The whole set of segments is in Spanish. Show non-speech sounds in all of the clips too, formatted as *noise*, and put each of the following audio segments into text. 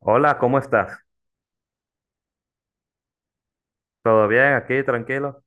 Hola, ¿cómo estás? ¿Todo bien aquí, tranquilo?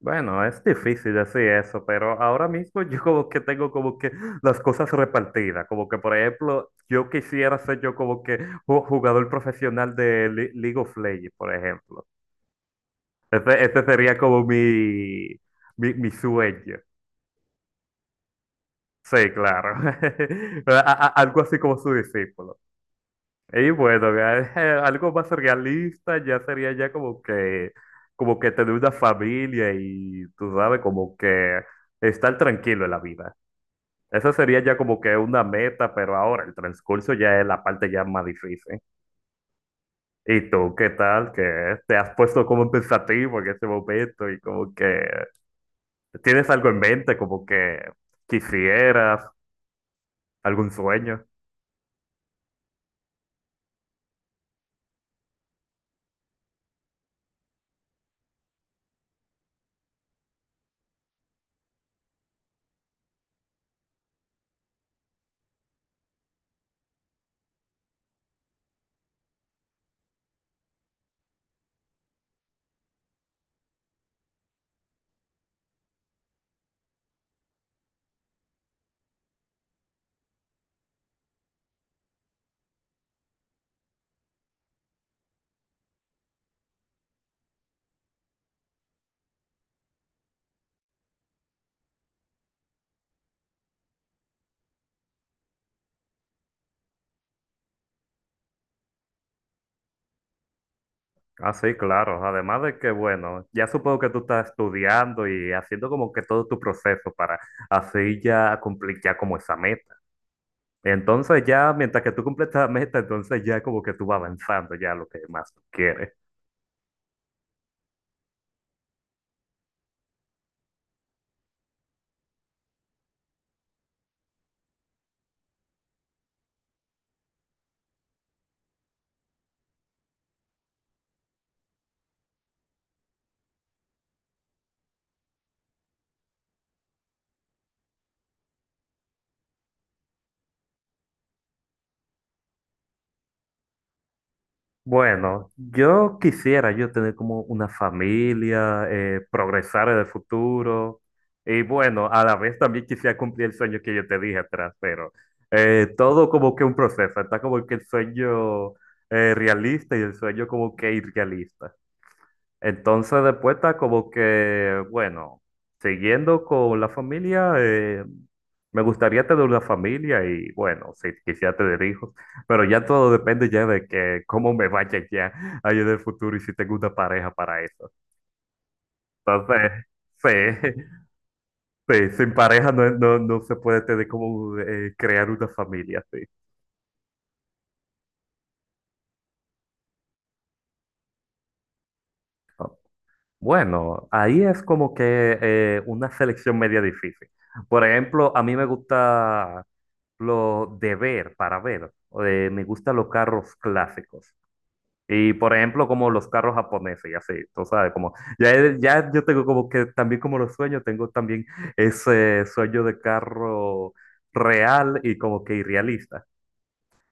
Bueno, es difícil decir eso, pero ahora mismo yo como que tengo como que las cosas repartidas, como que por ejemplo, yo quisiera ser yo como que un jugador profesional de League of Legends, por ejemplo. Ese sería como mi, mi sueño. Sí, claro. *laughs* A- algo así como su discípulo. Y bueno, ya, *laughs* algo más realista ya sería ya como que tener una familia y tú sabes, como que estar tranquilo en la vida. Esa sería ya como que una meta, pero ahora el transcurso ya es la parte ya más difícil. ¿Y tú qué tal? Que te has puesto como pensativo en ese momento y como que tienes algo en mente, como que quisieras algún sueño. Ah, sí, claro. Además de que, bueno, ya supongo que tú estás estudiando y haciendo como que todo tu proceso para así ya cumplir ya como esa meta. Entonces ya, mientras que tú cumples esa meta, entonces ya como que tú vas avanzando ya a lo que más tú quieres. Bueno, yo quisiera yo tener como una familia, progresar en el futuro y bueno, a la vez también quisiera cumplir el sueño que yo te dije atrás, pero todo como que un proceso, está como que el sueño realista y el sueño como que irrealista. Entonces después está como que, bueno, siguiendo con la familia, me gustaría tener una familia y bueno, si quisiera tener hijos, pero ya todo depende ya de que cómo me vaya ya ahí en el futuro y si tengo una pareja para eso. Entonces, sí, *laughs* sí, sin pareja no, no, no se puede tener como crear una familia, sí. Bueno, ahí es como que una selección media difícil. Por ejemplo, a mí me gusta lo de ver, para ver. Me gustan los carros clásicos. Y por ejemplo, como los carros japoneses y así, tú sabes, como ya, ya yo tengo como que también como los sueños, tengo también ese sueño de carro real y como que irrealista.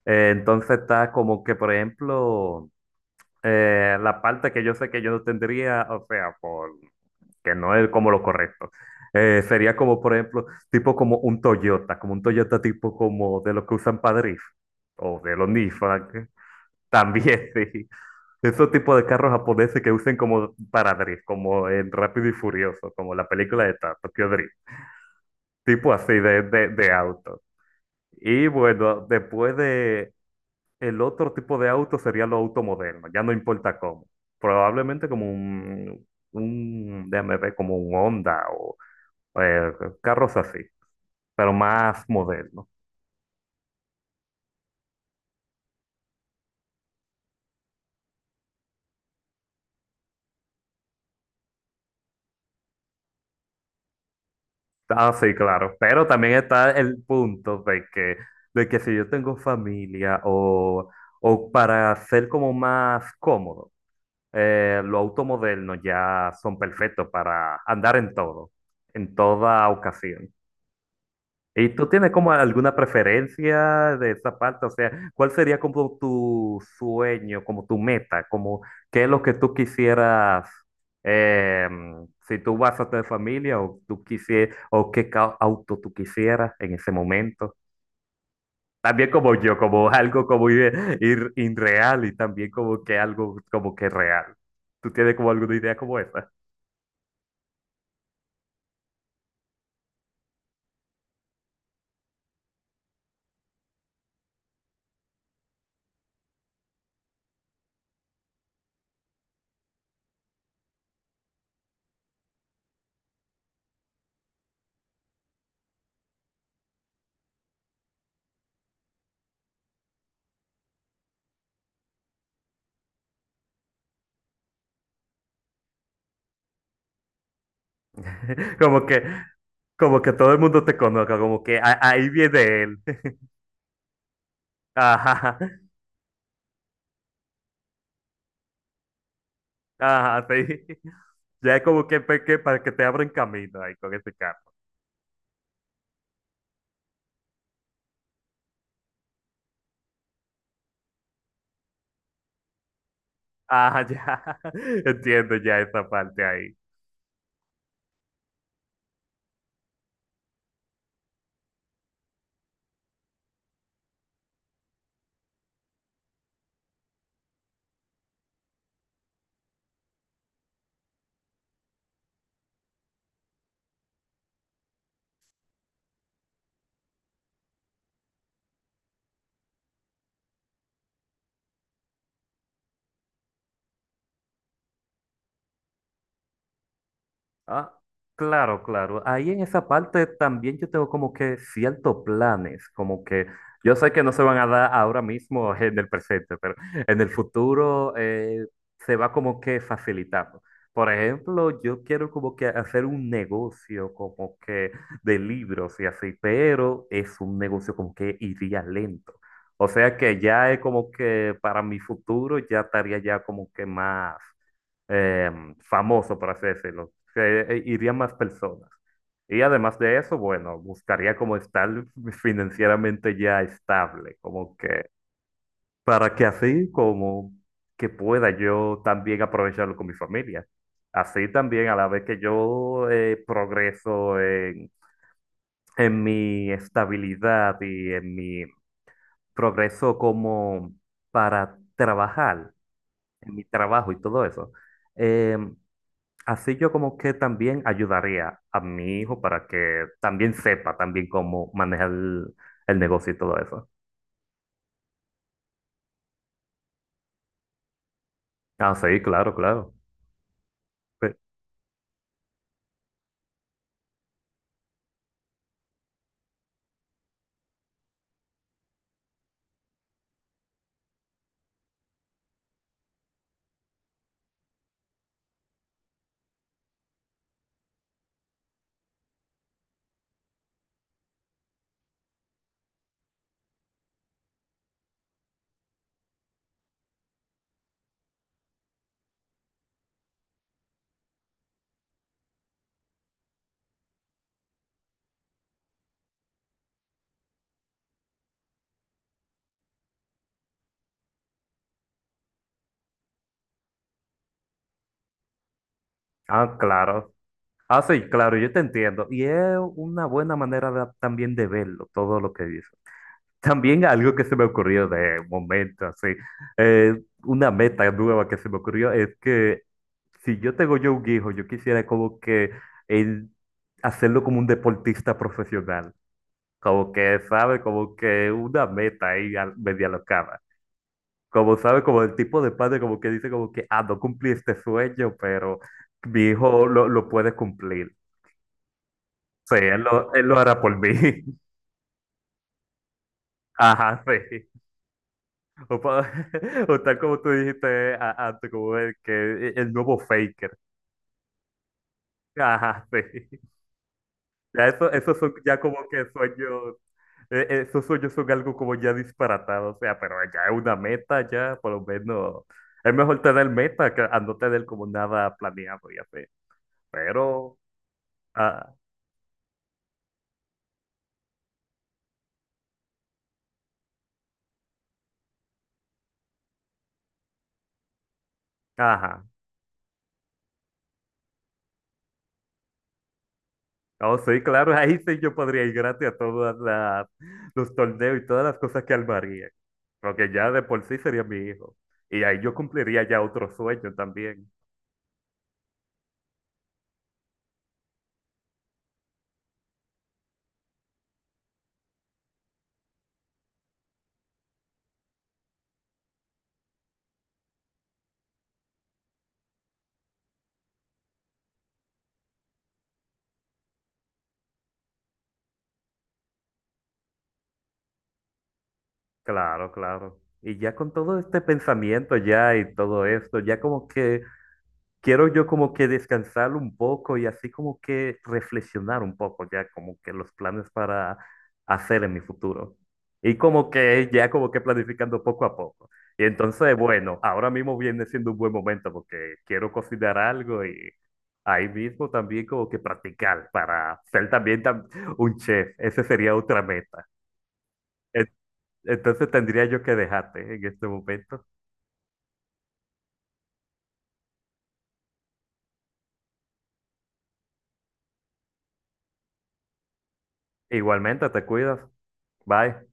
Entonces está como que, por ejemplo, la parte que yo sé que yo no tendría, o sea, por que no es como lo correcto. Sería como, por ejemplo, tipo como un Toyota tipo como de los que usan para drift, o de los Nissan, que también *laughs* sí. Esos tipos de carros japoneses que usen como para drift, como en Rápido y Furioso, como la película de Tokyo Drift, tipo así de, de auto. Y bueno, después de el otro tipo de auto sería los autos modernos, ya no importa cómo. Probablemente como un, déjame ver, como un Honda o eh, carros así, pero más modernos. Ah, sí, claro. Pero también está el punto de que si yo tengo familia o para ser como más cómodo, los autos modernos ya son perfectos para andar en todo, en toda ocasión. ¿Y tú tienes como alguna preferencia de esa parte? O sea, ¿cuál sería como tu sueño, como tu meta, como qué es lo que tú quisieras, eh, si tú vas a tener familia o tú quisieras, o qué auto tú quisieras en ese momento? También como yo, como algo como ir, irreal y también como que algo como que real. ¿Tú tienes como alguna idea como esa? *laughs* Como que, como que todo el mundo te conozca, como que "Ah, ahí viene él". *laughs* Ajá. Ajá, sí. *laughs* Ya es como que, que para que te abran camino ahí con ese carro. Ajá, ya. *laughs* Entiendo ya esa parte ahí. Ah, claro, claro. Ahí en esa parte también yo tengo como que ciertos planes, como que yo sé que no se van a dar ahora mismo en el presente, pero en el futuro se va como que facilitando. Por ejemplo, yo quiero como que hacer un negocio como que de libros y así, pero es un negocio como que iría lento. O sea que ya es como que para mi futuro ya estaría ya como que más eh, famoso, por así decirlo, que irían más personas. Y además de eso, bueno, buscaría como estar *laughs* financieramente ya estable, como que para que así como que pueda yo también aprovecharlo con mi familia. Así también a la vez que yo progreso en mi estabilidad y en mi progreso como para trabajar, en mi trabajo y todo eso. eh, Así yo como que también ayudaría a mi hijo para que también sepa también cómo manejar el negocio y todo eso. Ah, sí, claro, claro. Sí. Ah, claro. Ah, sí, claro, yo te entiendo. Y es una buena manera de- también de verlo, todo lo que dices. También algo que se me ocurrió de momento, así, una meta nueva que se me ocurrió es que si yo tengo yo un hijo, yo quisiera como que él hacerlo como un deportista profesional. Como que sabe, como que una meta ahí media locada. Como sabe, como el tipo de padre, como que dice, como que, ah, no cumplí este sueño, pero mi hijo lo puede cumplir. Sí, él lo hará por mí. *laughs* Ajá, sí. O, *laughs* o tal como tú dijiste antes, como el, que, e, el nuevo faker. Ajá, sí. Ya eso, esos son ya como que sueños, esos sueños son algo como ya disparatados, o sea, pero ya es una meta, ya por lo menos es mejor tener meta que a no tener como nada planeado, ya sé. Pero, ah, ajá, oh sí, claro, *laughs* ahí sí yo podría ir gratis a todos los torneos y todas las cosas que armaría, porque ya de por sí sería mi hijo. Y ahí yo cumpliría ya otro sueño también. Claro, claro. Y ya con todo este pensamiento ya y todo esto, ya como que quiero yo como que descansar un poco y así como que reflexionar un poco ya como que los planes para hacer en mi futuro. Y como que ya como que planificando poco a poco. Y entonces, bueno, ahora mismo viene siendo un buen momento porque quiero cocinar algo y ahí mismo también como que practicar para ser también un chef. Ese sería otra meta. Entonces tendría yo que dejarte en este momento. Igualmente, te cuidas. Bye.